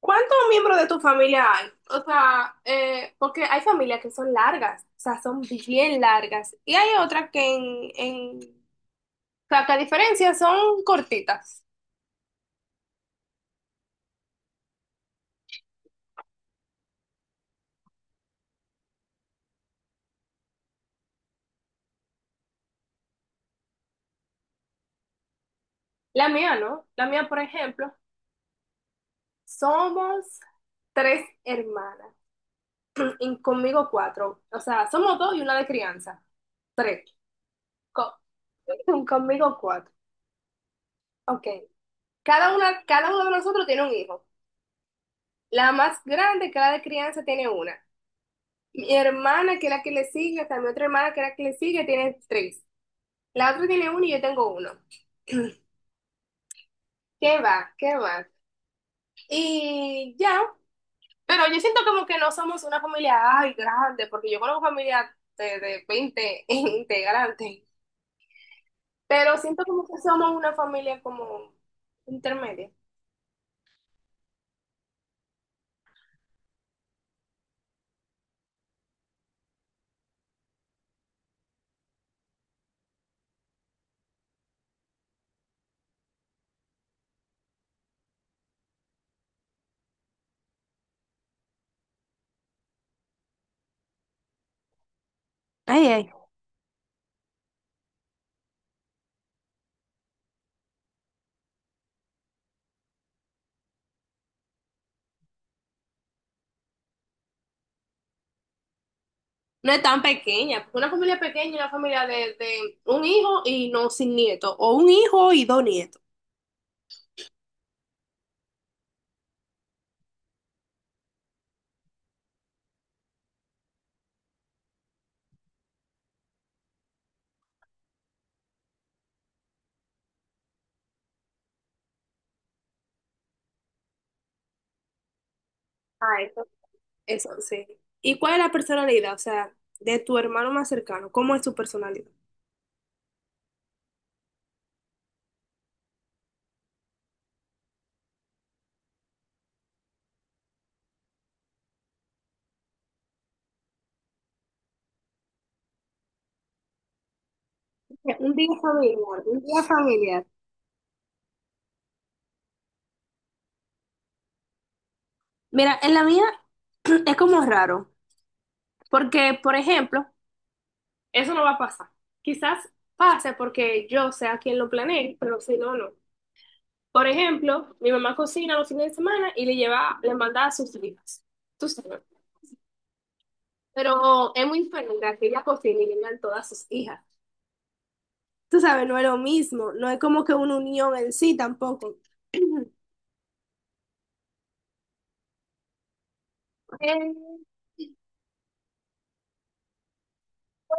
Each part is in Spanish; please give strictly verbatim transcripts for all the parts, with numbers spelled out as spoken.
¿Cuántos miembros de tu familia hay? O sea, eh, porque hay familias que son largas, o sea, son bien largas. Y hay otras que en, en, o sea, que a diferencia son cortitas. La mía, ¿no? La mía, por ejemplo, somos tres hermanas. Y conmigo cuatro. O sea, somos dos y una de crianza. Tres. Co- Conmigo cuatro. Ok. Cada una, cada uno de nosotros tiene un hijo. La más grande, cada de crianza tiene una. Mi hermana, que es la que le sigue, también otra hermana que es la que le sigue, tiene tres. La otra tiene uno y yo tengo uno. ¿Qué va? ¿Qué va? Y ya, pero yo siento como que no somos una familia, ay, grande, porque yo conozco familia de, de veinte integrantes, pero siento como que somos una familia como intermedia. Ay, ay. No es tan pequeña, porque una familia pequeña es una familia de, de un hijo y no sin nieto, o un hijo y dos nietos. Eso, sí. ¿Y cuál es la personalidad? O sea, de tu hermano más cercano, ¿cómo es su personalidad? Un día familiar, un día familiar. Mira, en la mía es como raro, porque, por ejemplo, eso no va a pasar. Quizás pase porque yo sea quien lo planeé, pero si no, no. Por ejemplo, mi mamá cocina los fines de semana y le lleva, le manda a sus hijas. Tú sabes. Pero es muy diferente a que ella cocine y le mandan todas sus hijas. Tú sabes, no es lo mismo, no es como que una unión en sí tampoco. Eh,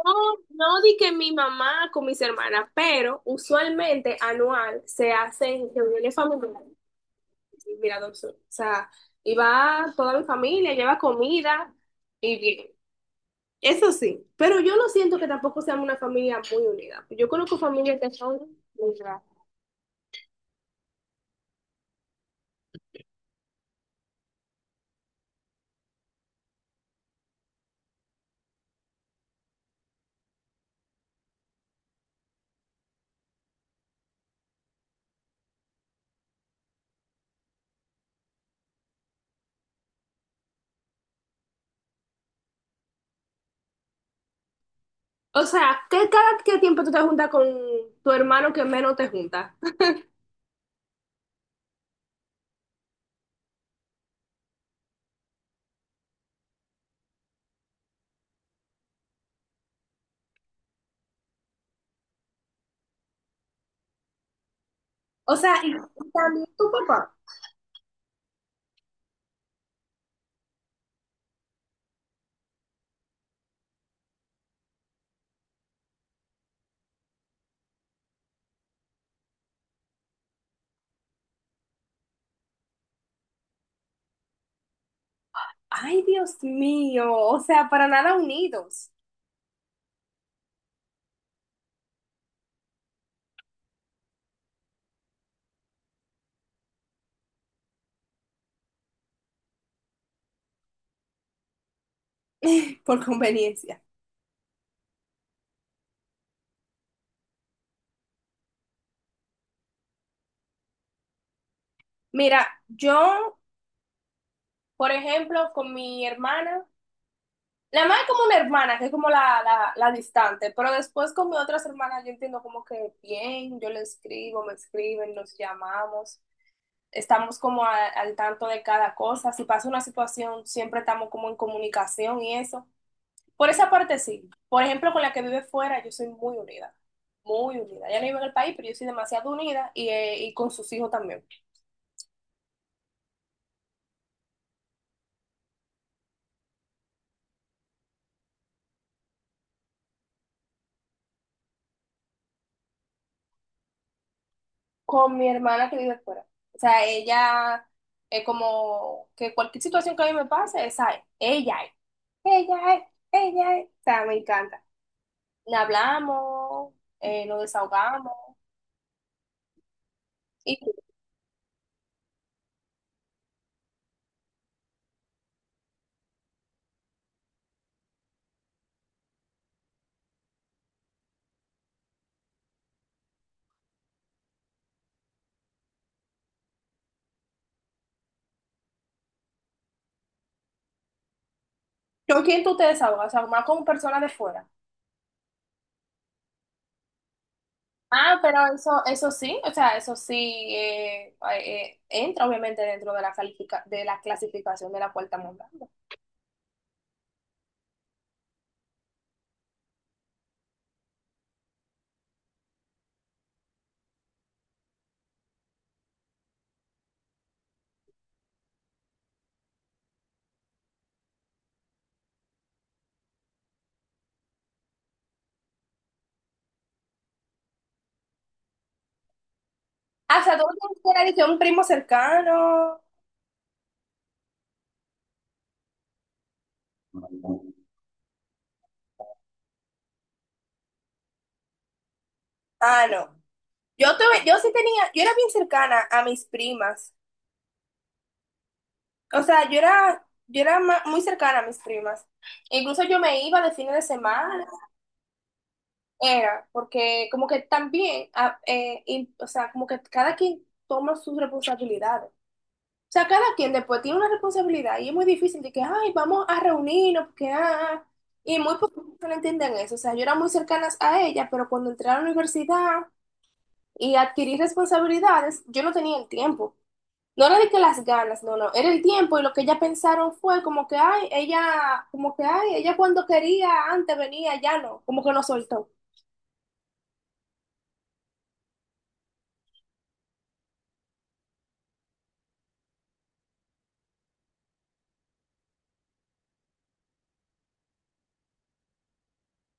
no, no di que mi mamá con mis hermanas, pero usualmente anual se hacen reuniones familiares. Y mira, dos- o sea, iba toda mi familia, lleva comida y bien. Eso sí, pero yo no siento que tampoco seamos una familia muy unida. Yo conozco familias que son muy raras. O sea, ¿qué cada qué tiempo tú te juntas con tu hermano que menos te juntas? O sea, y también tu papá. Ay, Dios mío, o sea, para nada unidos. Por conveniencia. Mira, yo, por ejemplo, con mi hermana, la más como una hermana, que es como la, la, la distante, pero después con mis otras hermanas yo entiendo como que bien, yo le escribo, me escriben, nos llamamos, estamos como a- al tanto de cada cosa, si pasa una situación, siempre estamos como en comunicación y eso. Por esa parte sí. Por ejemplo, con la que vive fuera, yo soy muy unida, muy unida. Ella no vive en el país, pero yo soy demasiado unida y, eh, y con sus hijos también. Con mi hermana que vive fuera. O sea, ella es como que cualquier situación que a mí me pase, esa es, ella es, ella es, ella es. O sea, me encanta. Hablamos, eh, nos desahogamos. ¿Y tú? ¿Con quién tú te desahogas? O sea, más con personas de fuera. Ah, pero eso, eso sí, o sea, eso sí eh, eh, eh, entra obviamente dentro de la califica- de la clasificación de la puerta mondada. Ah, o sea, tú no tienes que ir a decir, un primo cercano. Ah, no. Yo, tuve, yo sí tenía, yo era bien cercana a mis primas. O sea, yo era, yo era ma- muy cercana a mis primas. Incluso yo me iba de fines de semana, era, porque como que también, a- eh, y- o sea, como que cada quien toma sus responsabilidades. O sea, cada quien después tiene una responsabilidad y es muy difícil de que, ay, vamos a reunirnos, porque, ah, ah". Y muy pocos no entienden eso. O sea, yo era muy cercana a ella, pero cuando entré a la universidad y adquirí responsabilidades, yo no tenía el tiempo. No era de que las ganas, no, no, era el tiempo y lo que ella pensaron fue como que, ay, ella, como que, ay, ella cuando quería antes venía, ya no, como que no soltó.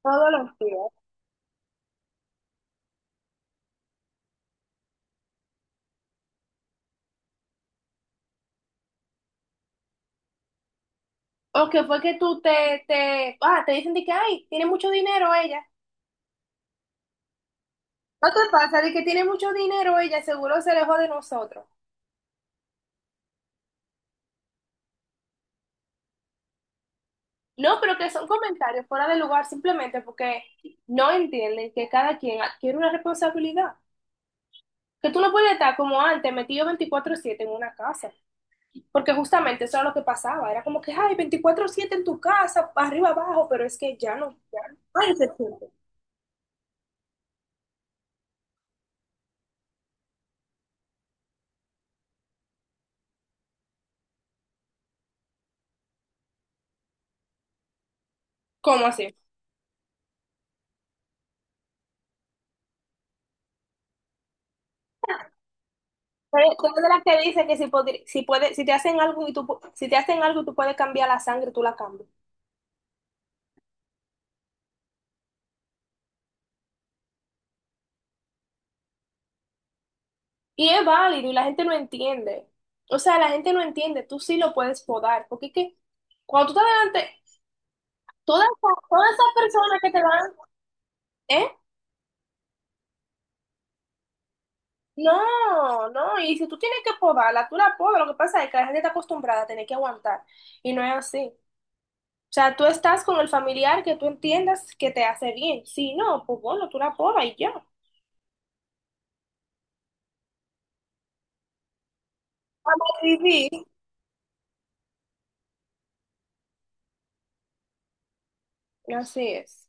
Todos los días. O que fue que tú te, te, ah, te dicen de que, ay, tiene mucho dinero ella. ¿No te pasa de que tiene mucho dinero ella? Seguro se alejó de nosotros. No, pero que son comentarios fuera de lugar simplemente porque no entienden que cada quien adquiere una responsabilidad. Que tú no puedes estar como antes, metido veinticuatro siete en una casa. Porque justamente eso era lo que pasaba, era como que, ay, veinticuatro siete en tu casa, arriba, abajo, pero es que ya no, ya no hay ese tiempo. ¿Cómo así? Pero tú eres de las que dice que si, podri- si, puede, si te hacen algo y tú, pu- si te hacen algo y tú puedes cambiar la sangre, tú la cambias. Y es válido y la gente no entiende. O sea, la gente no entiende, tú sí lo puedes podar, porque es que cuando tú estás delante, todas esas todas esas personas que te dan, ¿eh? No, no, y si tú tienes que podarla, tú la podas, lo que pasa es que la gente está acostumbrada a tener que aguantar, y no es así. O sea, tú estás con el familiar que tú entiendas que te hace bien. Si no, pues bueno, tú la podas y ya. Vivir. Así es.